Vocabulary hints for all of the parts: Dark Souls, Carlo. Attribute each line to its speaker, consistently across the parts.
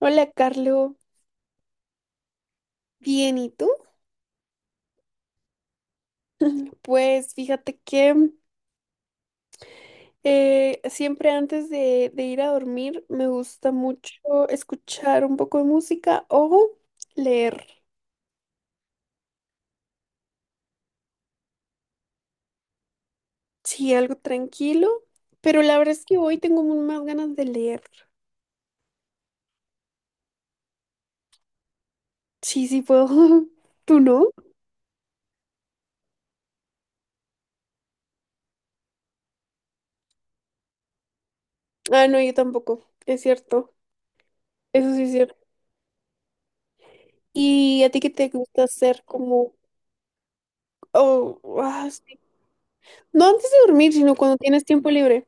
Speaker 1: Hola, Carlo. Bien, ¿y tú? Pues fíjate que siempre antes de ir a dormir me gusta mucho escuchar un poco de música o leer. Sí, algo tranquilo, pero la verdad es que hoy tengo mu- más ganas de leer. Sí, sí puedo. ¿Tú no? Ah, no, yo tampoco. Es cierto. Eso sí es cierto. ¿Y a ti qué te gusta hacer como... Oh, ah, sí. No antes de dormir, sino cuando tienes tiempo libre.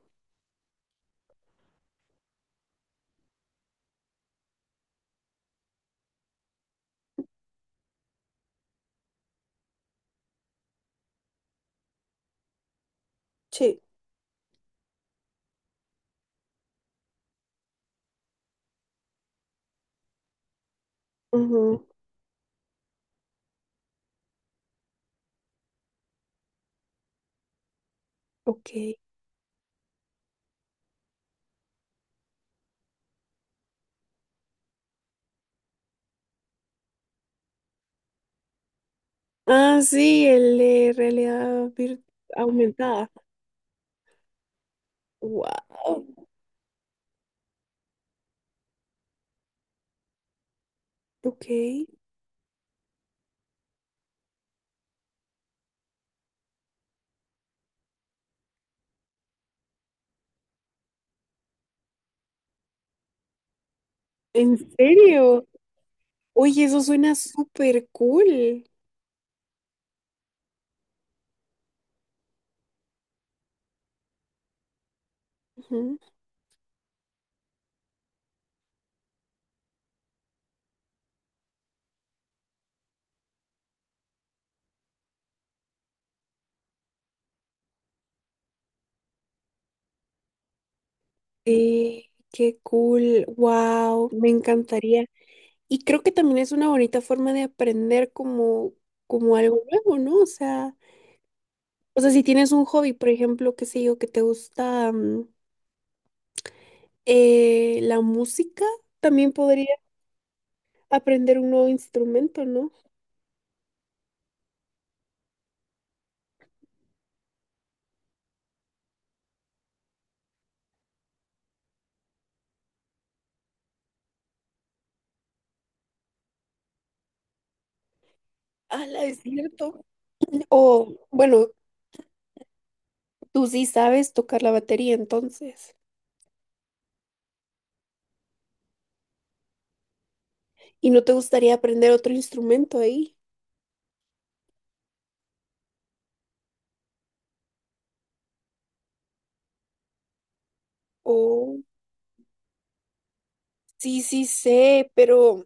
Speaker 1: Sí. Ujú. Ok. Ah, sí, el de realidad vir- aumentada. Wow, ok. ¿En serio? Oye, eso suena súper cool. Ujú. Sí, qué cool. Wow, me encantaría. Y creo que también es una bonita forma de aprender como, como algo nuevo, ¿no? O sea, si tienes un hobby, por ejemplo, qué sé yo, que te gusta la música, también podría aprender un nuevo instrumento, ¿no? Ah, es cierto. O, bueno, tú sí sabes tocar la batería entonces. ¿Y no te gustaría aprender otro instrumento ahí? O, sí, sí sé,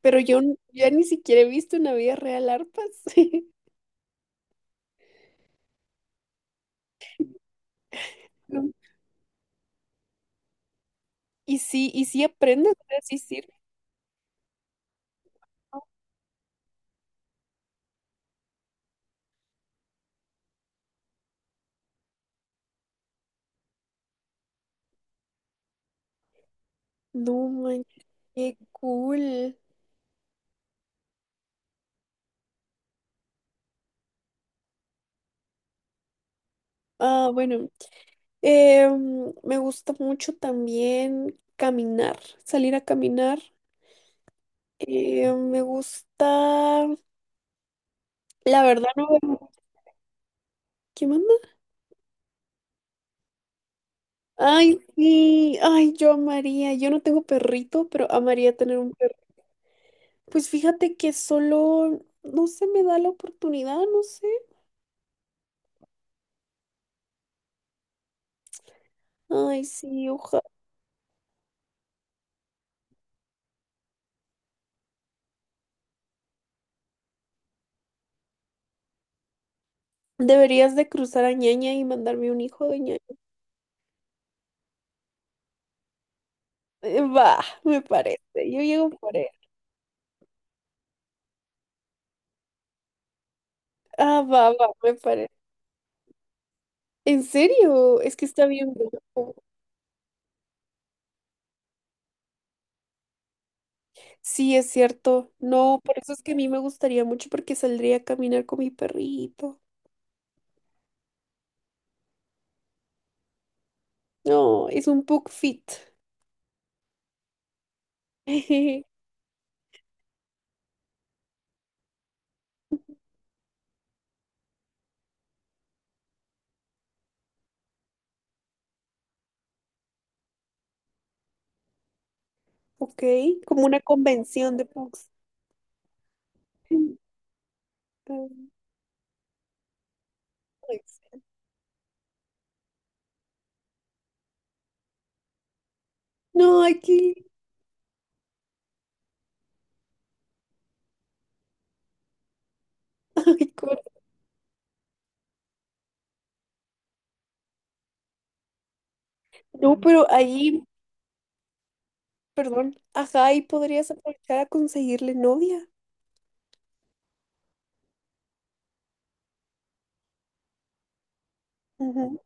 Speaker 1: pero yo n- ya ni siquiera he visto una vida real arpas. No. Y sí aprendes, o sea, sí sirve. No, no, man, qué cool. Ah, bueno, me gusta mucho también caminar, salir a caminar. Me gusta, la verdad no veo, ¿qué más? Ay, sí, ay, yo amaría, yo no tengo perrito, pero amaría tener un perro. Pues fíjate que solo no se me da la oportunidad, no sé. Ay, sí, ojalá. Deberías de cruzar a Ñaña y mandarme un hijo de Ñaña. Va, me parece, yo llego por él. Ah, va, va, me parece. ¿En serio? Es que está bien guapo. Sí, es cierto. No, por eso es que a mí me gustaría mucho porque saldría a caminar con mi perrito. No, es un pug fit. Ok, como una convención de punks. No, aquí, ay, cor- no, pero ahí, perdón, ajá, ahí podrías aprovechar a conseguirle novia. Ujú.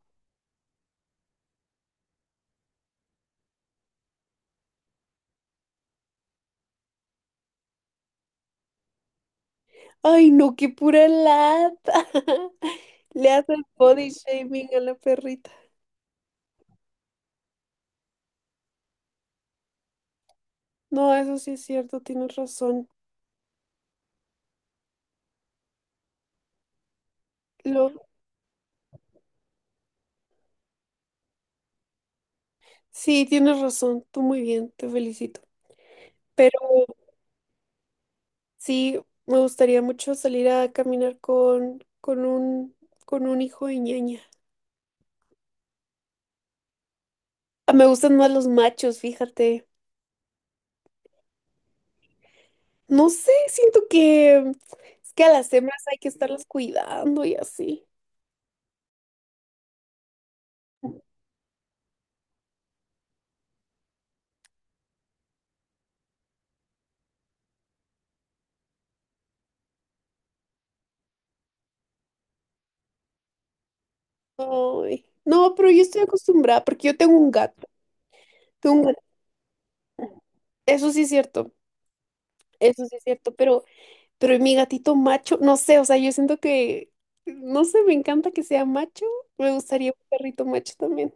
Speaker 1: Ay, no, qué pura lata. Le haces body shaming a la perrita. No, eso sí es cierto, tienes razón. Lo... Sí, tienes razón, tú muy bien, te felicito. Pero sí, me gustaría mucho salir a caminar con un hijo de ñaña. Ah, me gustan más los machos, fíjate. No sé, siento que es que a las hembras hay que estarlas cuidando y así. Ay. No, pero yo estoy acostumbrada porque yo tengo un gato. Tengo un gato. Eso sí es cierto. Eso sí es cierto, pero mi gatito macho, no sé, o sea, yo siento que no sé, me encanta que sea macho. Me gustaría un perrito macho también.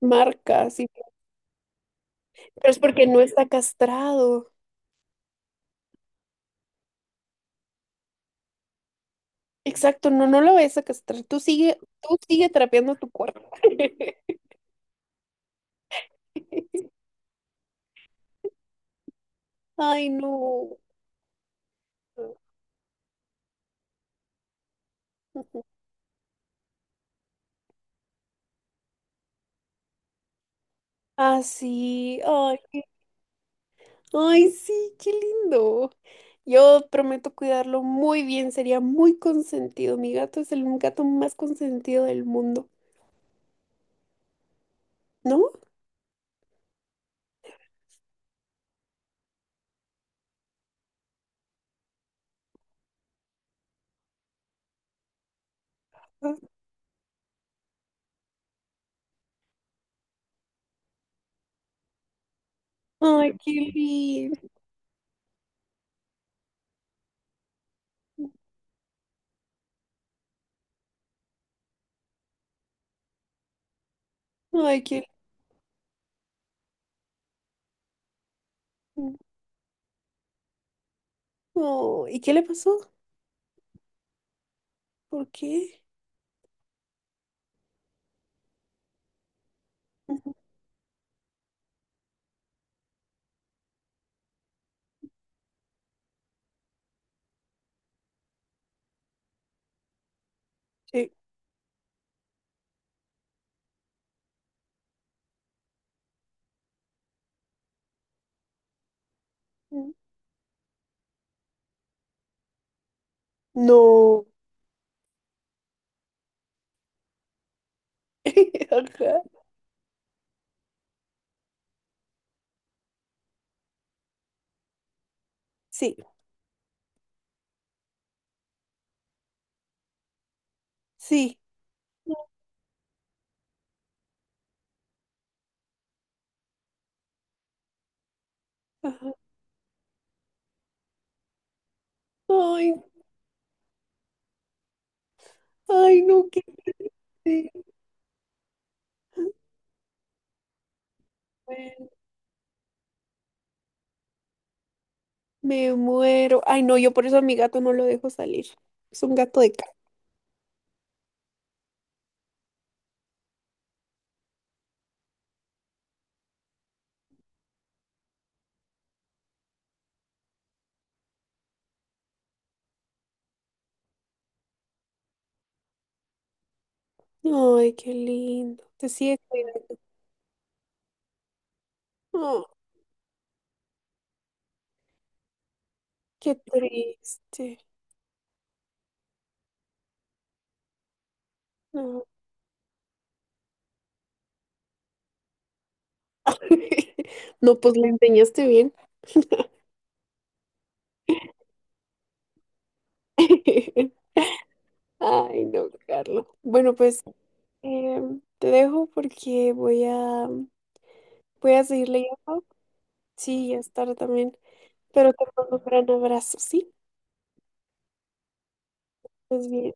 Speaker 1: Marca, sí. Pero es porque no está castrado. Exacto, no, no lo vayas a castrar. Tú sigue trapeando tu cuerpo Ay, no. Así, ay, ay, sí, qué lindo. Yo prometo cuidarlo muy bien, sería muy consentido. Mi gato es el gato más consentido del mundo, ¿no? Ay, qué lindo. Ay, qué lindo. Oh, ¿y qué le pasó? ¿Por qué? Ujú. Sí. Mm. No. Ajá. Sí, sí. Ajá. Ay, ay, no, qué triste. Me muero. Ay, no, yo por eso a mi gato no lo dejo salir. Es un gato de calle. Ay, qué lindo. Te sigue cuidando. Oh, qué triste. No. No, pues le enseñaste bien. Ay, no, Carlos. Bueno, pues te dejo porque voy a voy a seguir leyendo. Sí, ya es tarde también. Pero te mando un gran abrazo, ¿sí? Pues bien.